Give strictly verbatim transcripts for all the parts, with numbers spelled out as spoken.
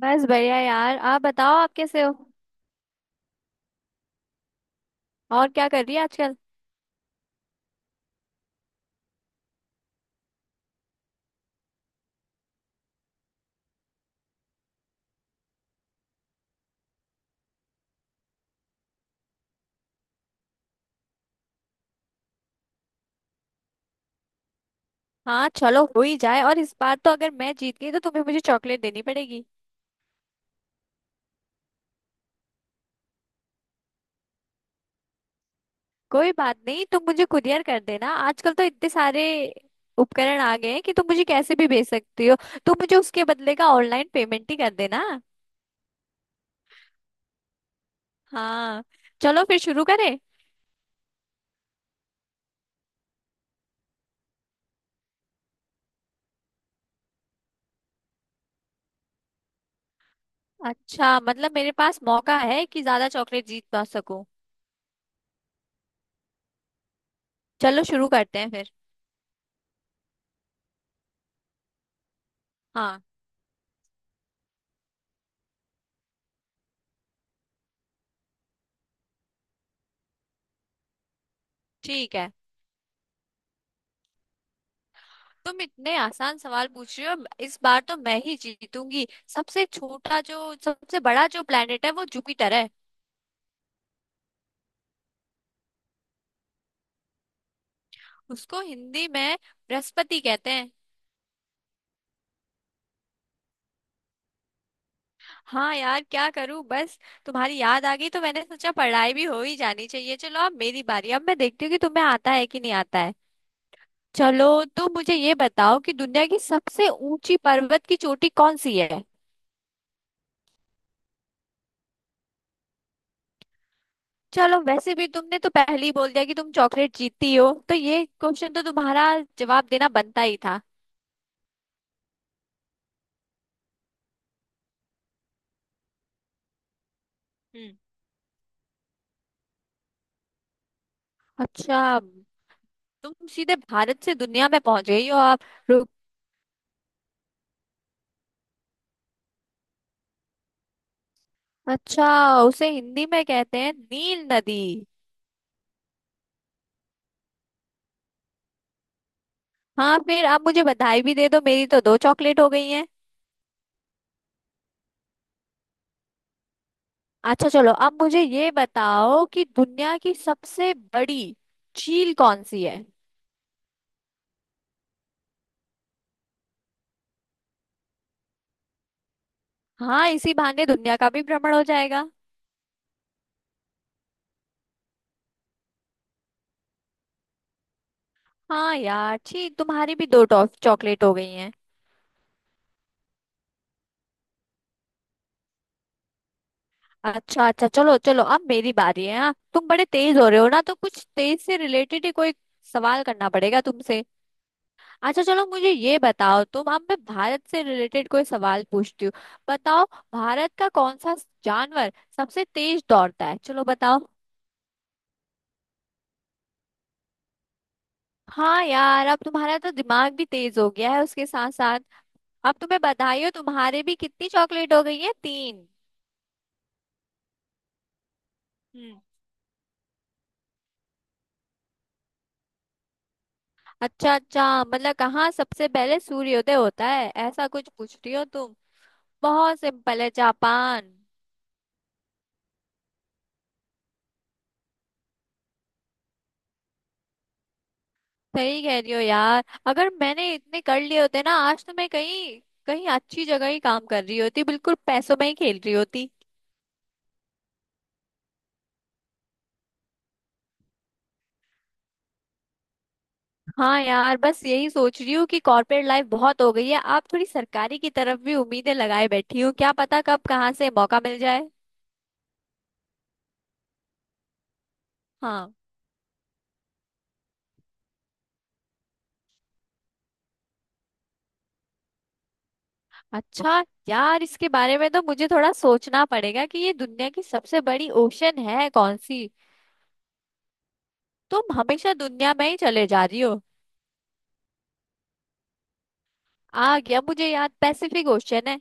बस बढ़िया यार। आप बताओ, आप कैसे हो। और क्या कर रही है आजकल। हाँ चलो हो ही जाए। और इस बार तो अगर मैं जीत गई तो तुम्हें मुझे चॉकलेट देनी पड़ेगी। कोई बात नहीं, तुम मुझे कुरियर कर देना। आजकल तो इतने सारे उपकरण आ गए हैं कि तुम मुझे कैसे भी भेज सकती हो। तुम मुझे उसके बदले का ऑनलाइन पेमेंट ही कर देना। हाँ। चलो फिर शुरू करें। अच्छा मतलब मेरे पास मौका है कि ज्यादा चॉकलेट जीत पा सकूं। चलो शुरू करते हैं फिर। हाँ। ठीक है। तुम इतने आसान सवाल पूछ रही हो, इस बार तो मैं ही जीतूंगी। सबसे छोटा जो सबसे बड़ा जो प्लेनेट है वो जुपिटर है। उसको हिंदी में बृहस्पति कहते हैं। हाँ यार क्या करूं बस, तुम्हारी याद आ गई तो मैंने सोचा पढ़ाई भी हो ही जानी चाहिए। चलो अब मेरी बारी, अब मैं देखती हूँ कि तुम्हें आता है कि नहीं आता है। चलो, तो मुझे ये बताओ कि दुनिया की सबसे ऊंची पर्वत की चोटी कौन सी है। चलो वैसे भी तुमने तो पहले ही बोल दिया कि तुम चॉकलेट जीतती हो, तो ये क्वेश्चन तो तुम्हारा जवाब देना बनता ही था। हम्म। अच्छा तुम सीधे भारत से दुनिया में पहुंच गई हो आप। रुक। अच्छा उसे हिंदी में कहते हैं नील नदी। हाँ फिर आप मुझे बधाई भी दे दो, मेरी तो दो चॉकलेट हो गई हैं। अच्छा चलो अब मुझे ये बताओ कि दुनिया की सबसे बड़ी झील कौन सी है। हाँ इसी बहाने दुनिया का भी भ्रमण हो जाएगा। हाँ यार ठीक, तुम्हारी भी दो टॉफ चॉकलेट हो गई हैं। अच्छा अच्छा, चलो चलो अब मेरी बारी है। हाँ तुम बड़े तेज हो रहे हो ना, तो कुछ तेज से रिलेटेड ही कोई सवाल करना पड़ेगा तुमसे। अच्छा चलो मुझे ये बताओ तुम, अब मैं भारत से रिलेटेड कोई सवाल पूछती हूँ। बताओ, भारत का कौन सा जानवर सबसे तेज दौड़ता है, चलो बताओ। हाँ यार अब तुम्हारा तो दिमाग भी तेज हो गया है उसके साथ साथ। अब तुम्हें बधाई हो, तुम्हारे भी कितनी चॉकलेट हो गई है, तीन। हम्म। अच्छा अच्छा मतलब कहाँ सबसे पहले सूर्योदय होता है ऐसा कुछ पूछ रही हो तुम। बहुत सिंपल है, जापान। सही कह रही हो यार, अगर मैंने इतने कर लिए होते ना आज तो मैं कहीं कहीं अच्छी जगह ही काम कर रही होती, बिल्कुल पैसों में ही खेल रही होती। हाँ यार बस यही सोच रही हूँ कि कॉर्पोरेट लाइफ बहुत हो गई है, आप थोड़ी सरकारी की तरफ भी उम्मीदें लगाए बैठी हूँ, क्या पता कब कहाँ से मौका मिल जाए। हाँ। अच्छा यार इसके बारे में तो मुझे थोड़ा सोचना पड़ेगा कि ये दुनिया की सबसे बड़ी ओशन है कौन सी। तुम हमेशा दुनिया में ही चले जा रही हो। आ गया मुझे याद, पैसिफिक ओशन है।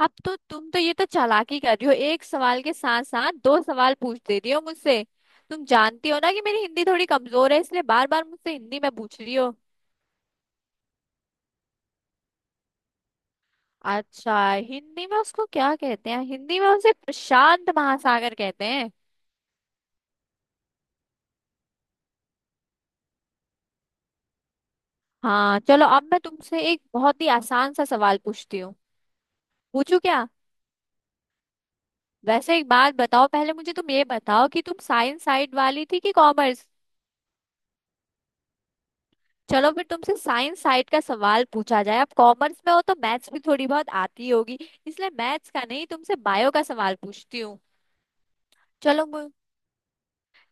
अब तो तुम तो ये तो चालाकी कर रही हो, एक सवाल के साथ साथ दो सवाल पूछ देती हो मुझसे। तुम जानती हो ना कि मेरी हिंदी थोड़ी कमजोर है इसलिए बार बार मुझसे हिंदी में पूछ रही हो। अच्छा हिंदी में उसको क्या कहते हैं, हिंदी में उसे प्रशांत महासागर कहते हैं। हाँ चलो अब मैं तुमसे एक बहुत ही आसान सा सवाल पूछती हूँ। पूछू क्या। वैसे एक बात बताओ, पहले मुझे तुम ये बताओ कि तुम साइंस साइड वाली थी कि कॉमर्स। चलो फिर तुमसे साइंस साइड का सवाल पूछा जाए। अब कॉमर्स में हो तो मैथ्स भी थोड़ी बहुत आती होगी, इसलिए मैथ्स का नहीं तुमसे बायो का सवाल पूछती हूँ। चलो मु,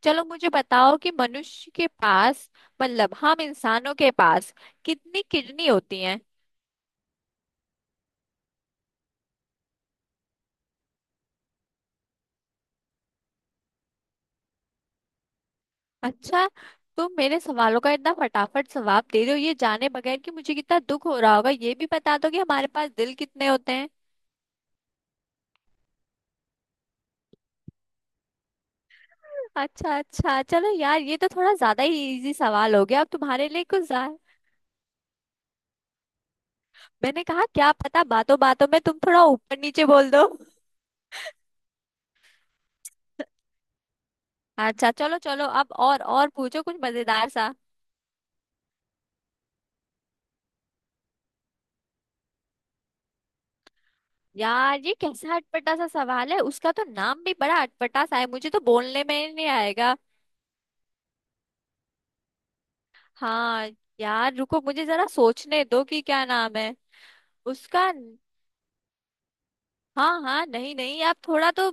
चलो मुझे बताओ कि मनुष्य के पास, मतलब हम इंसानों के पास, कितनी किडनी होती हैं। अच्छा। तुम मेरे सवालों का इतना फटाफट जवाब दे रहे हो ये जाने बगैर कि मुझे कितना दुख हो रहा होगा। ये भी बता दो कि हमारे पास दिल कितने होते हैं। अच्छा अच्छा चलो यार, ये तो थोड़ा ज्यादा ही इजी सवाल हो गया, अब तुम्हारे लिए कुछ। मैंने कहा क्या पता बातों बातों में तुम थोड़ा ऊपर नीचे बोल दो। अच्छा चलो चलो अब और और पूछो कुछ मजेदार सा। यार ये कैसा अटपटा सा सवाल है, उसका तो नाम भी बड़ा अटपटा सा है, मुझे तो बोलने में ही नहीं आएगा। हाँ। यार रुको मुझे जरा सोचने दो कि क्या नाम है उसका। हाँ हाँ नहीं नहीं आप थोड़ा तो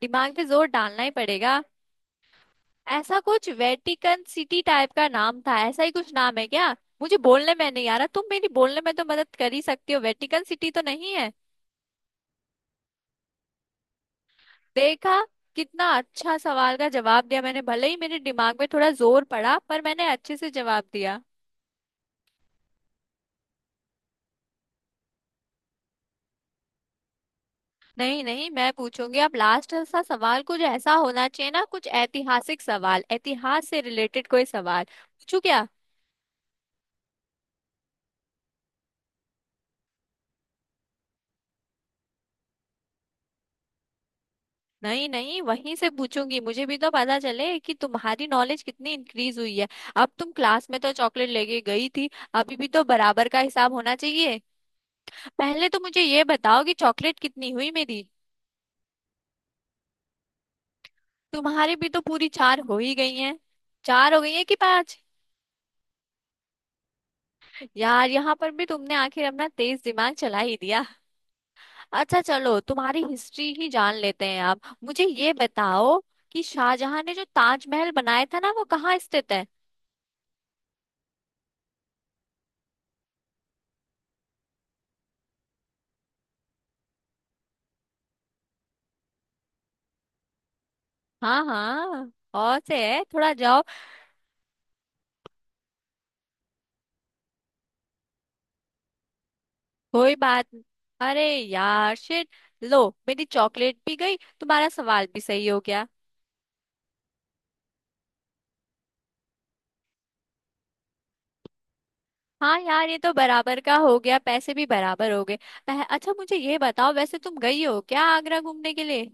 दिमाग पे जोर डालना ही पड़ेगा। ऐसा कुछ वेटिकन सिटी टाइप का नाम था, ऐसा ही कुछ नाम है क्या। मुझे बोलने में नहीं आ रहा, तुम मेरी बोलने में तो मदद कर ही सकती हो, वेटिकन सिटी तो नहीं है। देखा, कितना अच्छा सवाल का जवाब दिया मैंने, भले ही मेरे दिमाग में थोड़ा जोर पड़ा पर मैंने अच्छे से जवाब दिया। नहीं नहीं मैं पूछूंगी, अब लास्ट सा सवाल कुछ ऐसा होना चाहिए ना, कुछ ऐतिहासिक सवाल, इतिहास से रिलेटेड कोई सवाल पूछू क्या। नहीं नहीं वहीं से पूछूंगी, मुझे भी तो पता चले कि तुम्हारी नॉलेज कितनी इंक्रीज हुई है। अब तुम क्लास में तो चॉकलेट लेके गई थी, अभी भी तो बराबर का हिसाब होना चाहिए। पहले तो मुझे ये बताओ कि चॉकलेट कितनी हुई मेरी। तुम्हारी भी तो पूरी चार हो ही गई हैं। चार हो गई है कि पांच। यार यहाँ पर भी तुमने आखिर अपना तेज दिमाग चला ही दिया। अच्छा चलो तुम्हारी हिस्ट्री ही जान लेते हैं। आप मुझे ये बताओ कि शाहजहां ने जो ताजमहल बनाया था ना वो कहाँ स्थित है। हाँ हाँ और से है, थोड़ा जाओ। कोई बात न- अरे यार शिट, लो मेरी चॉकलेट भी गई, तुम्हारा सवाल भी सही हो गया। हाँ यार ये तो बराबर का हो गया, पैसे भी बराबर हो गए। पह, अच्छा मुझे ये बताओ वैसे, तुम गई हो क्या आगरा घूमने के लिए।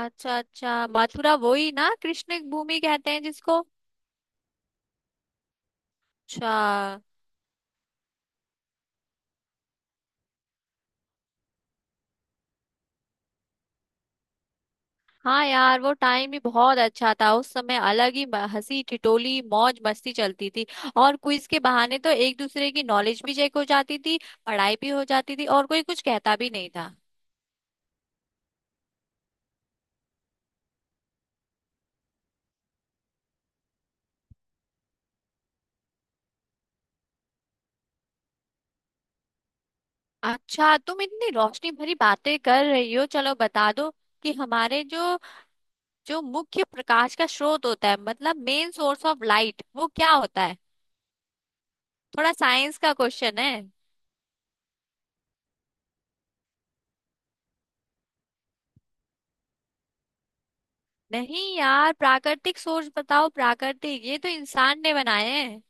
अच्छा अच्छा, मथुरा वही ना कृष्ण भूमि कहते हैं जिसको। अच्छा। हाँ यार वो टाइम भी बहुत अच्छा था, उस समय अलग ही म- हंसी टिटोली मौज मस्ती चलती थी। और क्विज के बहाने तो एक दूसरे की नॉलेज भी चेक हो जाती थी, पढ़ाई भी हो जाती थी और कोई कुछ कहता भी नहीं था। अच्छा तुम इतनी रोशनी भरी बातें कर रही हो, चलो बता दो कि हमारे जो जो मुख्य प्रकाश का स्रोत होता है, मतलब मेन सोर्स ऑफ लाइट, वो क्या होता है। थोड़ा साइंस का क्वेश्चन है। नहीं यार प्राकृतिक सोर्स बताओ, प्राकृतिक, ये तो इंसान ने बनाए हैं।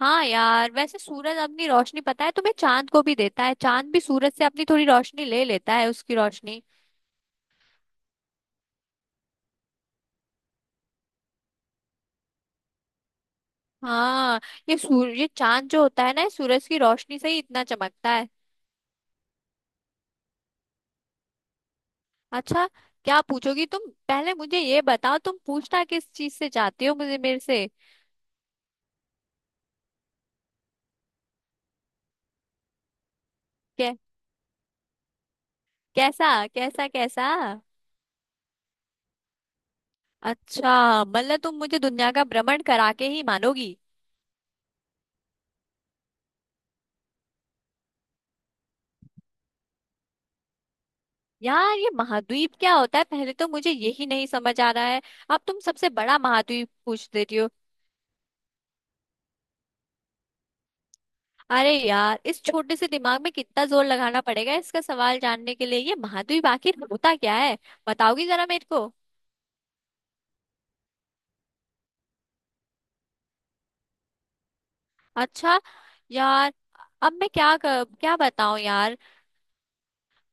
हाँ यार वैसे सूरज अपनी रोशनी पता है तुम्हें चांद को भी देता है, चांद भी सूरज से अपनी थोड़ी रोशनी ले लेता है उसकी रोशनी। हाँ ये सूर ये चांद जो होता है ना ये सूरज की रोशनी से ही इतना चमकता है। अच्छा। क्या पूछोगी तुम, पहले मुझे ये बताओ तुम पूछना किस चीज से चाहती हो मुझे, मेरे से। कै, कैसा कैसा कैसा। अच्छा मतलब तुम मुझे दुनिया का भ्रमण करा के ही मानोगी। यार ये महाद्वीप क्या होता है, पहले तो मुझे यही नहीं समझ आ रहा है, अब तुम सबसे बड़ा महाद्वीप पूछ देती हो। अरे यार इस छोटे से दिमाग में कितना जोर लगाना पड़ेगा इसका सवाल जानने के लिए, ये महाद्वीप आखिर होता क्या है, बताओगी जरा मेरे को। अच्छा। यार अब मैं क्या कर, क्या बताऊं यार।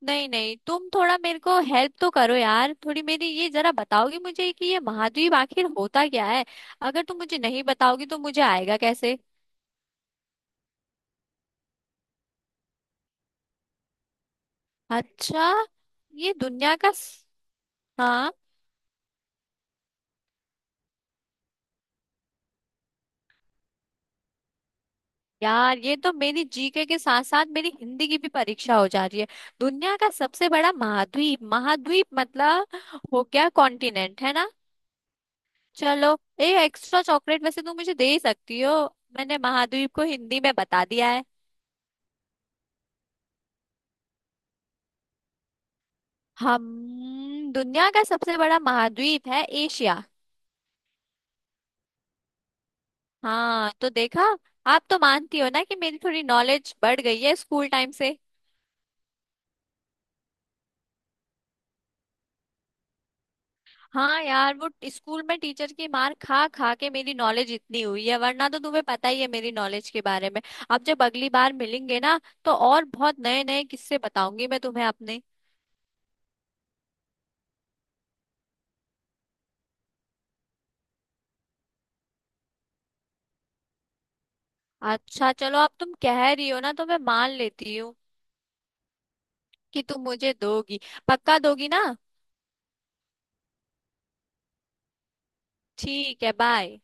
नहीं नहीं तुम थोड़ा मेरे को हेल्प तो करो यार, थोड़ी मेरी ये जरा बताओगी मुझे कि ये महाद्वीप आखिर होता क्या है, अगर तुम मुझे नहीं बताओगी तो मुझे आएगा कैसे। अच्छा। ये दुनिया का स- हाँ यार ये तो मेरी जीके के साथ साथ मेरी हिंदी की भी परीक्षा हो जा रही है। दुनिया का सबसे बड़ा महाद्वीप, महाद्वीप मतलब, हो गया, कॉन्टिनेंट है ना। चलो एक एक्स्ट्रा चॉकलेट वैसे तुम मुझे दे ही सकती हो, मैंने महाद्वीप को हिंदी में बता दिया है। हम, दुनिया का सबसे बड़ा महाद्वीप है एशिया। हाँ तो देखा, आप तो मानती हो ना कि मेरी थोड़ी नॉलेज बढ़ गई है स्कूल टाइम से। हाँ यार वो स्कूल में टीचर की मार खा खा के मेरी नॉलेज इतनी हुई है, वरना तो तुम्हें पता ही है मेरी नॉलेज के बारे में। अब जब अगली बार मिलेंगे ना तो और बहुत नए नए किस्से बताऊंगी मैं तुम्हें अपने। अच्छा चलो अब तुम कह रही हो ना तो मैं मान लेती हूँ कि तुम मुझे दोगी, पक्का दोगी ना। ठीक है बाय।